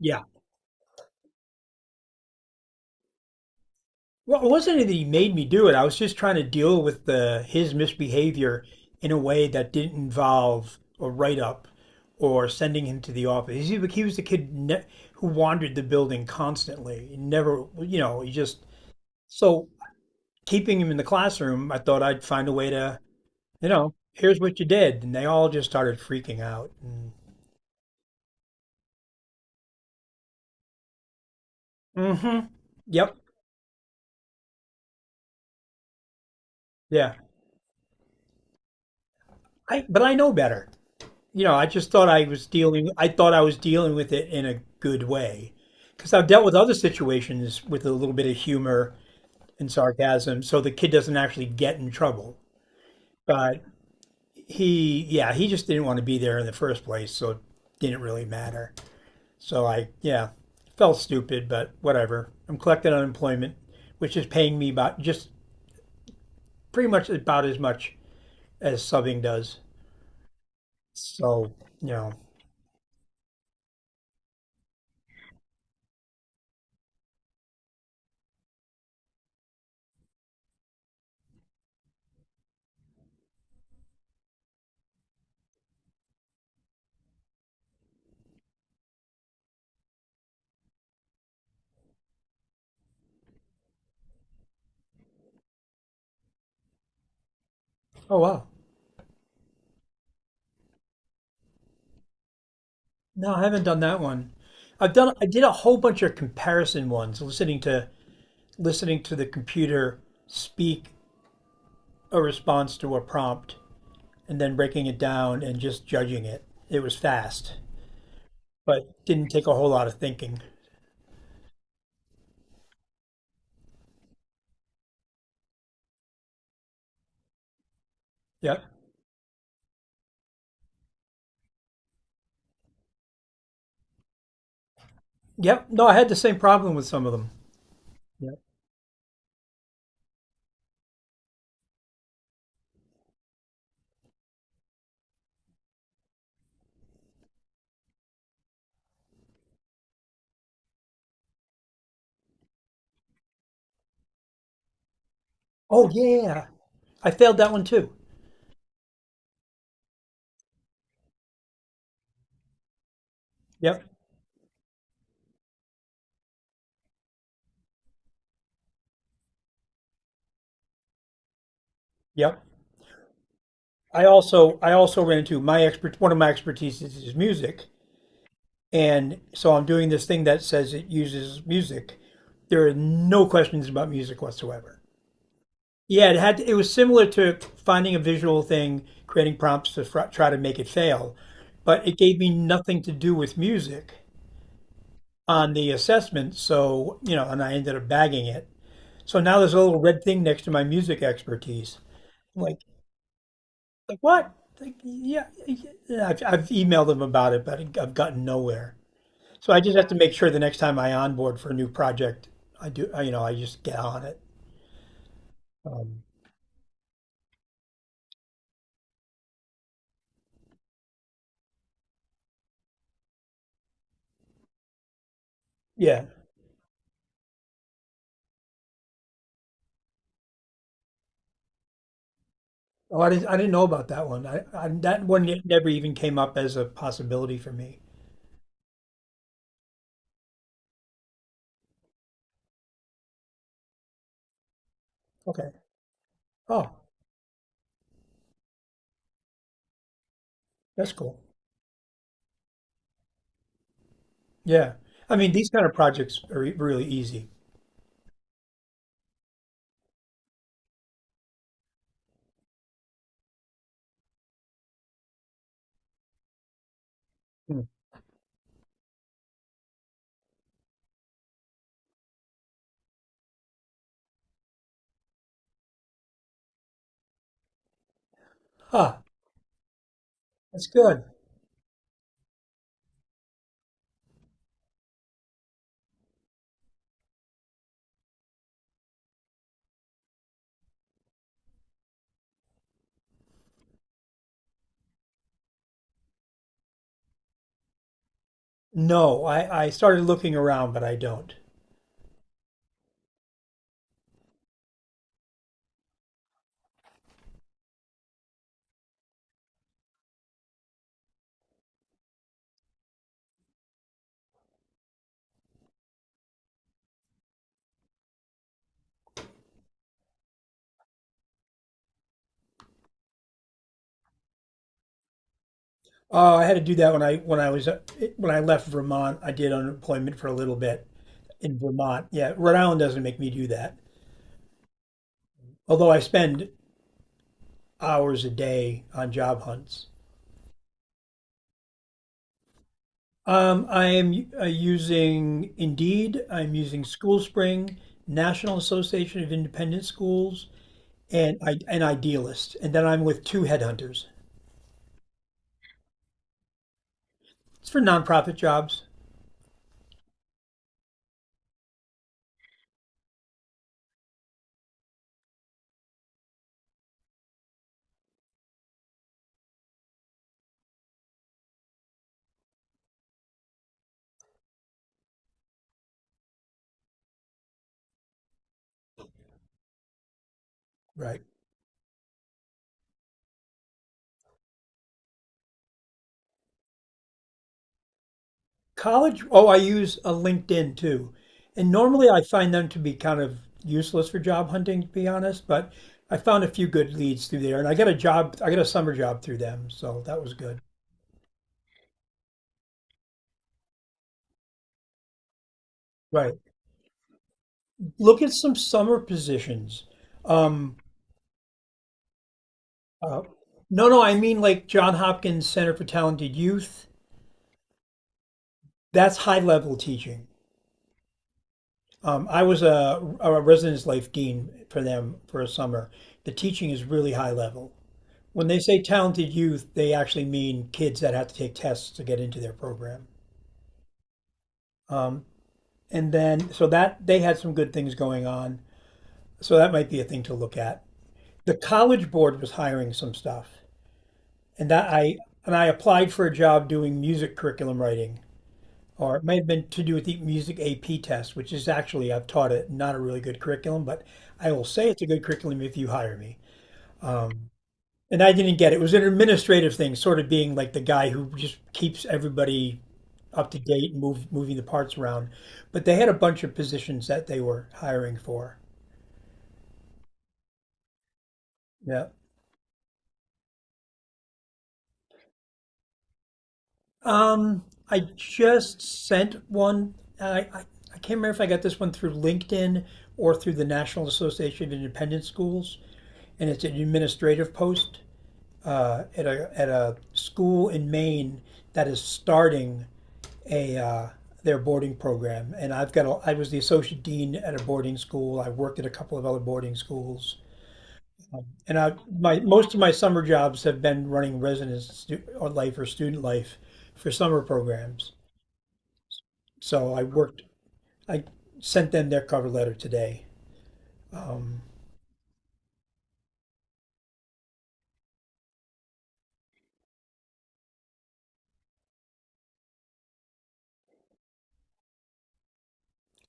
Yeah. Well, it wasn't that he made me do it. I was just trying to deal with the his misbehavior in a way that didn't involve a write up or sending him to the office. He was the kid who wandered the building constantly. He never, you know, he just so keeping him in the classroom. I thought I'd find a way to, you know, here's what you did, and they all just started freaking out. And, mm-hmm. Yep. Yeah. I but I know better. You know, I just thought I thought I was dealing with it in a good way. Because I've dealt with other situations with a little bit of humor and sarcasm, so the kid doesn't actually get in trouble. But he, yeah, he just didn't want to be there in the first place, so it didn't really matter. So I, yeah, felt stupid, but whatever. I'm collecting unemployment, which is paying me about just pretty much about as much as subbing does. So, you know, oh wow. No, I haven't done that one. I did a whole bunch of comparison ones, listening to the computer speak a response to a prompt and then breaking it down and just judging it. It was fast, but didn't take a whole lot of thinking. Yep. Yep. No, I had the same problem with some of them. Yep. Oh yeah. I failed that one too. Yep. Yep. I also ran into my expert one of my expertise is music. And so I'm doing this thing that says it uses music. There are no questions about music whatsoever. Yeah, it was similar to finding a visual thing, creating prompts to try to make it fail, but it gave me nothing to do with music on the assessment. So you know, and I ended up bagging it. So now there's a little red thing next to my music expertise. I'm like what? Like, yeah, yeah, I've emailed them about it, but I've gotten nowhere. So I just have to make sure the next time I onboard for a new project, you know, I just get on it. Um, yeah. Oh, I didn't know about that one. I that one it never even came up as a possibility for me. Okay. Oh, that's cool. Yeah. I mean, these kind of projects are really easy. Hmm. Huh. That's good. No, I started looking around, but I don't. Oh, I had to do that when I was when I left Vermont. I did unemployment for a little bit in Vermont. Yeah, Rhode Island doesn't make me do that. Although I spend hours a day on job hunts. I am using Indeed, I'm using SchoolSpring, National Association of Independent Schools, and Idealist. And then I'm with two headhunters. It's for nonprofit jobs. Right. I use a LinkedIn too. And normally I find them to be kind of useless for job hunting, to be honest, but I found a few good leads through there. And I got a summer job through them. So that was good. Right. Look at some summer positions. Um, uh, no, no, I mean like John Hopkins Center for Talented Youth. That's high level teaching. I was a residence life dean for them for a summer. The teaching is really high level. When they say talented youth, they actually mean kids that have to take tests to get into their program. And then, so that they had some good things going on. So that might be a thing to look at. The College Board was hiring some stuff. and that I and I applied for a job doing music curriculum writing, or it may have been to do with the music AP test, which is actually I've taught it, not a really good curriculum, but I will say it's a good curriculum if you hire me. And I didn't get it. It was an administrative thing, sort of being like the guy who just keeps everybody up to date, move moving the parts around. But they had a bunch of positions that they were hiring for. Yeah. Um, I just sent one. I, I, I can't remember if I got this one through LinkedIn or through the National Association of Independent Schools, and it's an administrative post at a school in Maine that is starting a their boarding program. And I was the associate dean at a boarding school. I worked at a couple of other boarding schools, and I my most of my summer jobs have been running residence stu- or life or student life for summer programs. So I worked I sent them their cover letter today. Um,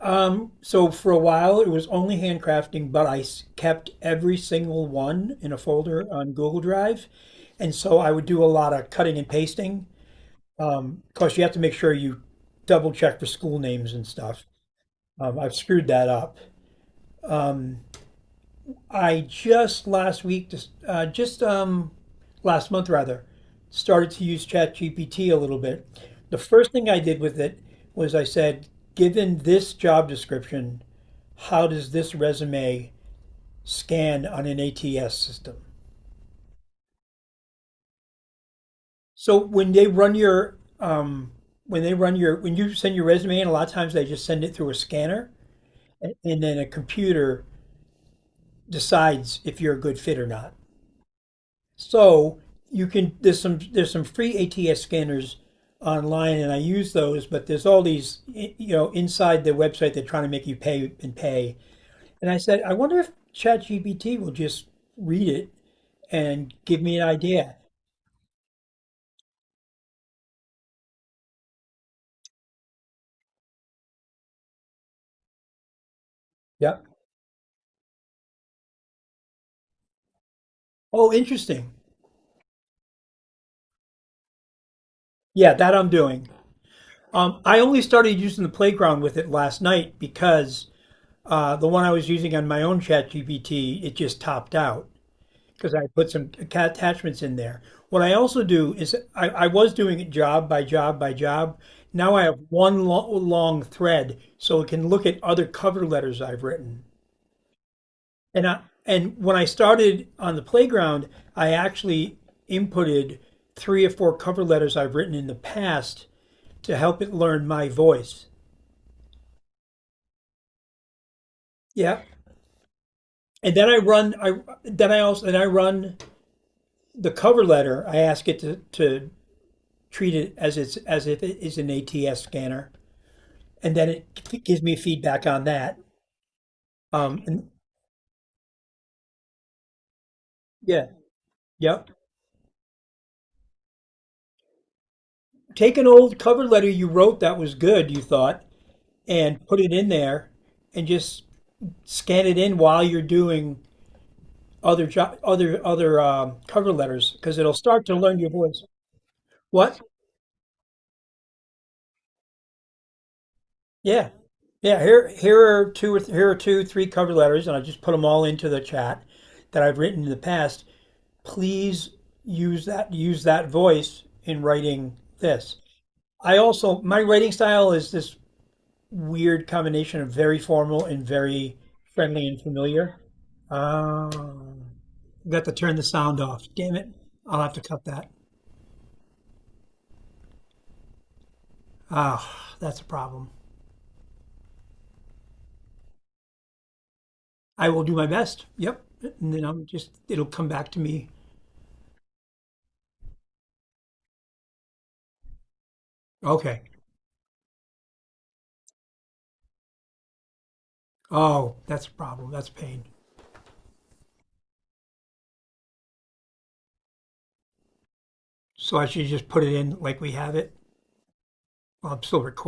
so for a while it was only handcrafting, but I kept every single one in a folder on Google Drive, and so I would do a lot of cutting and pasting. Because you have to make sure you double check for school names and stuff. I've screwed that up. I just last week, just last month rather, started to use ChatGPT a little bit. The first thing I did with it was I said, given this job description, how does this resume scan on an ATS system? So when they run your when you send your resume in, a lot of times they just send it through a scanner, and then a computer decides if you're a good fit or not. So you can there's some free ATS scanners online, and I use those. But there's all these you know inside the website they're trying to make you pay and pay. And I said, I wonder if ChatGPT will just read it and give me an idea. Yeah. Oh, interesting. Yeah, that I'm doing. I only started using the playground with it last night because the one I was using on my own chat GPT, it just topped out because I put some attachments in there. What I also do is I was doing it job by job by job. Now I have one lo long thread so it can look at other cover letters I've written. And when I started on the playground, I actually inputted three or four cover letters I've written in the past to help it learn my voice. Yeah. And then I run I then I also then I run the cover letter. I ask it to, treat it as if it is an ATS scanner. And then it gives me feedback on that. And yeah. Yep. Take an old cover letter you wrote that was good, you thought, and put it in there and just scan it in while you're doing other cover letters because it'll start to learn your voice. What? Yeah, yeah. Here are here are two, three cover letters, and I just put them all into the chat that I've written in the past. Please use that voice in writing this. I also my writing style is this weird combination of very formal and very friendly and familiar. Uh, got to turn the sound off. Damn it! I'll have to cut that. Ah, that's a problem. I will do my best. Yep. And then I'm just, it'll come back to me. Okay. Oh, that's a problem. That's pain. So I should just put it in like we have it. Well, I'm still recording.